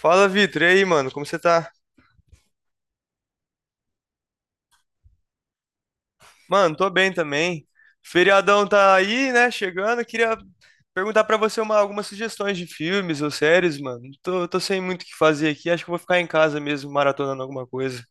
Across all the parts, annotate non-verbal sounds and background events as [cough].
Fala, Vitor. E aí, mano? Como você tá? Mano, tô bem também. Feriadão tá aí, né? Chegando. Queria perguntar pra você algumas sugestões de filmes ou séries, mano. Tô sem muito o que fazer aqui. Acho que eu vou ficar em casa mesmo, maratonando alguma coisa.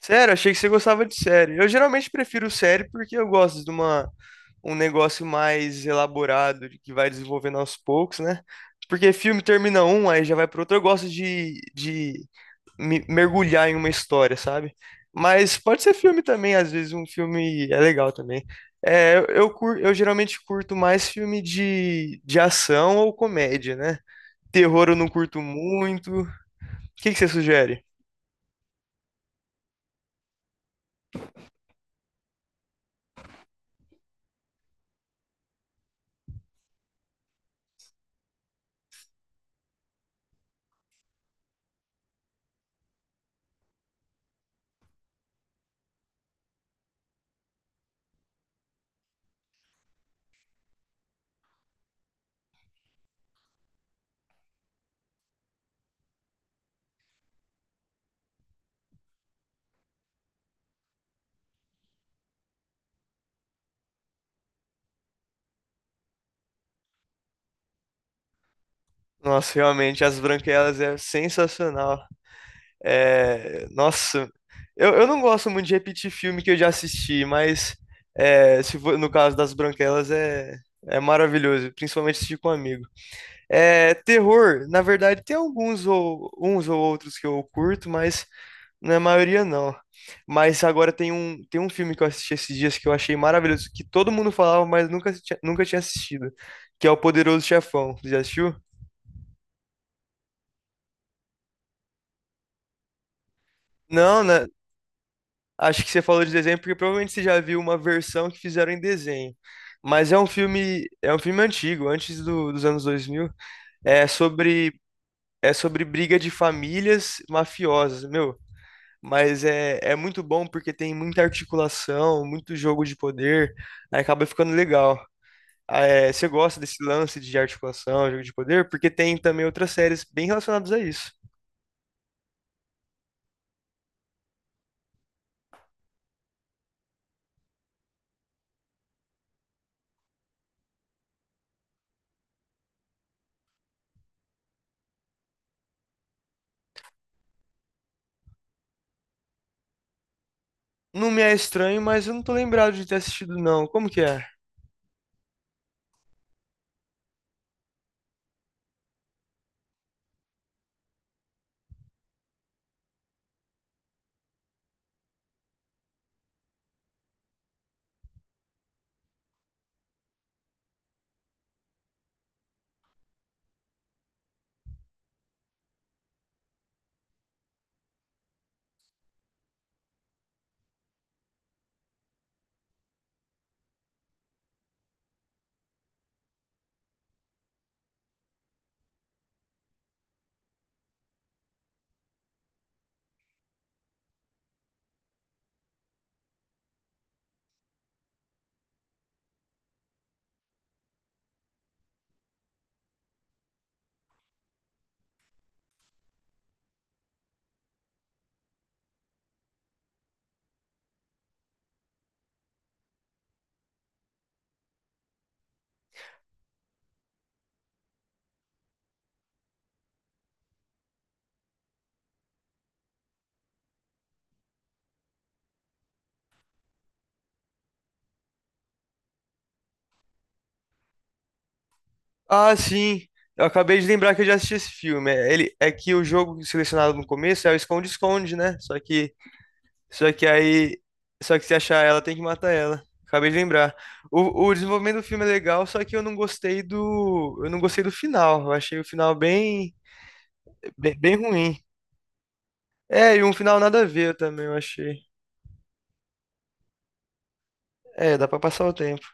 Sério, achei que você gostava de série. Eu geralmente prefiro série porque eu gosto de um negócio mais elaborado, de que vai desenvolvendo aos poucos, né? Porque filme termina um, aí já vai pro outro. Eu gosto de mergulhar em uma história, sabe? Mas pode ser filme também, às vezes um filme é legal também. Eu eu geralmente curto mais filme de ação ou comédia, né? Terror eu não curto muito. O que que você sugere? Nossa, realmente, As Branquelas é sensacional. Nossa, eu não gosto muito de repetir filme que eu já assisti, mas é, se for- no caso das Branquelas é maravilhoso, principalmente assistir com um amigo. É, terror, na verdade, tem alguns ou uns ou outros que eu curto, mas na maioria não. Mas agora tem um filme que eu assisti esses dias que eu achei maravilhoso, que todo mundo falava, mas nunca tinha assistido, que é O Poderoso Chefão. Você já assistiu? Não, né? Acho que você falou de desenho porque provavelmente você já viu uma versão que fizeram em desenho. Mas é um filme antigo, dos anos 2000. É sobre, é sobre briga de famílias mafiosas. Meu, mas é muito bom porque tem muita articulação, muito jogo de poder, aí acaba ficando legal. Ah, é, você gosta desse lance de articulação, jogo de poder? Porque tem também outras séries bem relacionadas a isso. Não me é estranho, mas eu não tô lembrado de ter assistido, não. Como que é? Ah, sim. Eu acabei de lembrar que eu já assisti esse filme. É que o jogo selecionado no começo é o esconde-esconde, né? Só que aí. Só que se achar ela, tem que matar ela. Acabei de lembrar. O desenvolvimento do filme é legal, só que eu não gostei do. Eu não gostei do final. Eu achei o final bem ruim. É, e um final nada a ver também, eu achei. É, dá pra passar o tempo.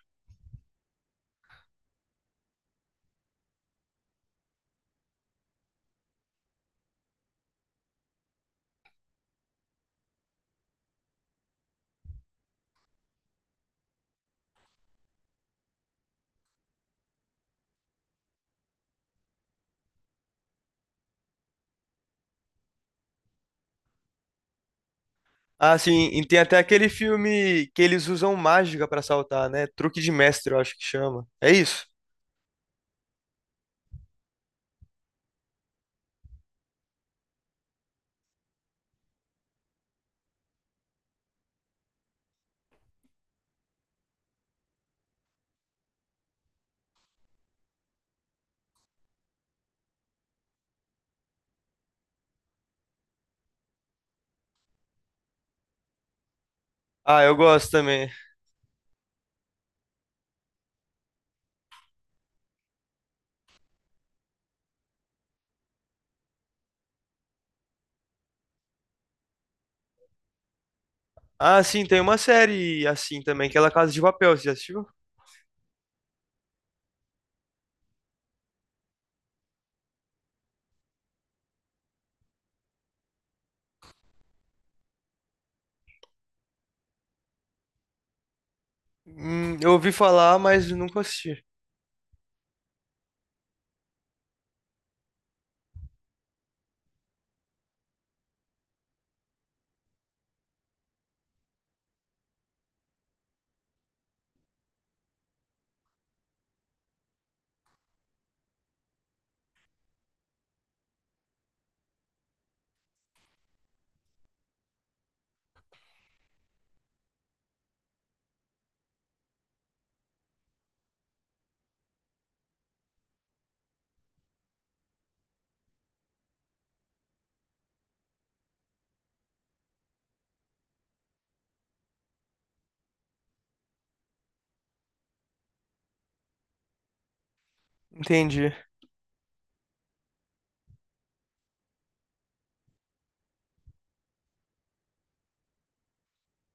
Ah, sim, e tem até aquele filme que eles usam mágica pra saltar, né? Truque de mestre, eu acho que chama. É isso? Ah, eu gosto também. Ah, sim, tem uma série assim também, que é La Casa de Papel, você já assistiu? Eu ouvi falar, mas nunca assisti. Entendi.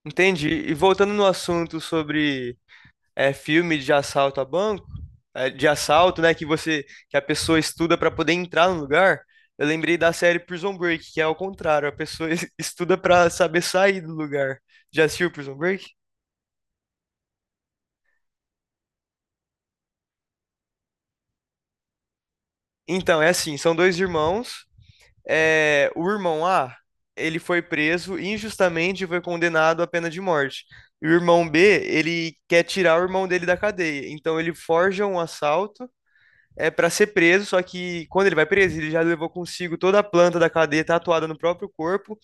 Entendi. E voltando no assunto sobre filme de assalto a banco, de assalto, né, que a pessoa estuda para poder entrar no lugar, eu lembrei da série Prison Break, que é ao contrário, a pessoa [laughs] estuda para saber sair do lugar. Já assistiu Prison Break? Então, é assim, são dois irmãos. É, o irmão A, ele foi preso injustamente e foi condenado à pena de morte. E o irmão B, ele quer tirar o irmão dele da cadeia. Então ele forja um assalto para ser preso, só que quando ele vai preso, ele já levou consigo toda a planta da cadeia tatuada no próprio corpo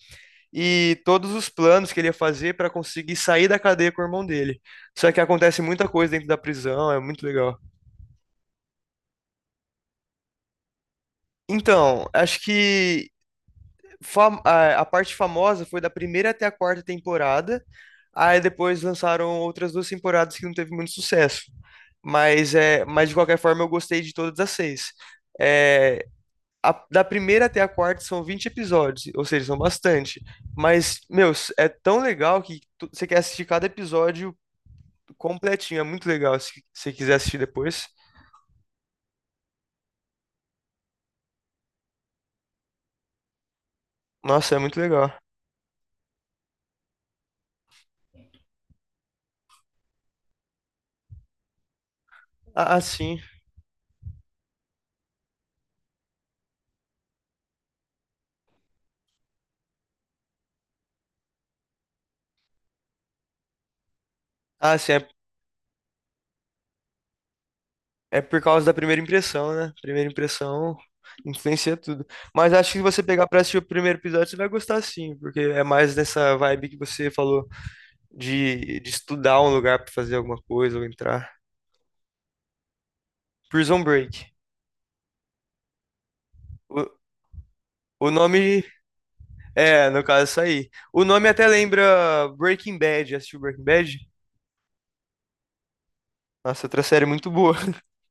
e todos os planos que ele ia fazer para conseguir sair da cadeia com o irmão dele. Só que acontece muita coisa dentro da prisão, é muito legal. Então, acho que a parte famosa foi da primeira até a quarta temporada. Aí depois lançaram outras duas temporadas que não teve muito sucesso. Mas de qualquer forma, eu gostei de todas as seis. É, da primeira até a quarta são 20 episódios, ou seja, são bastante. Mas, meu, é tão legal que você quer assistir cada episódio completinho. É muito legal se você quiser assistir depois. Nossa, é muito legal. Ah, sim. Ah, sim, é por causa da primeira impressão, né? Primeira impressão influencia tudo. Mas acho que se você pegar pra assistir o primeiro episódio, você vai gostar sim, porque é mais nessa vibe que você falou de estudar um lugar pra fazer alguma coisa ou entrar. Prison Break. O, o nome, é, no caso, isso aí. O nome até lembra Breaking Bad. Já assistiu Breaking Bad? Nossa, outra série muito boa. [laughs]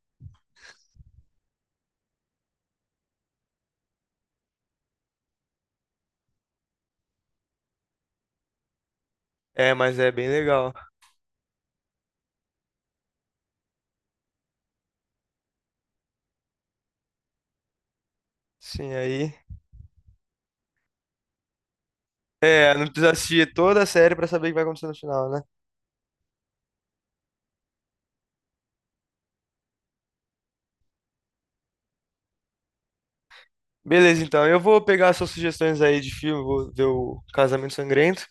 É, mas é bem legal. Sim, aí. É, não precisa assistir toda a série pra saber o que vai acontecer no final, né? Beleza, então. Eu vou pegar suas sugestões aí de filme, vou ver o Casamento Sangrento.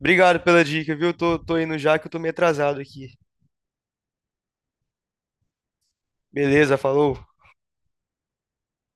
Obrigado pela dica, viu? Tô indo já que eu tô meio atrasado aqui. Beleza, falou.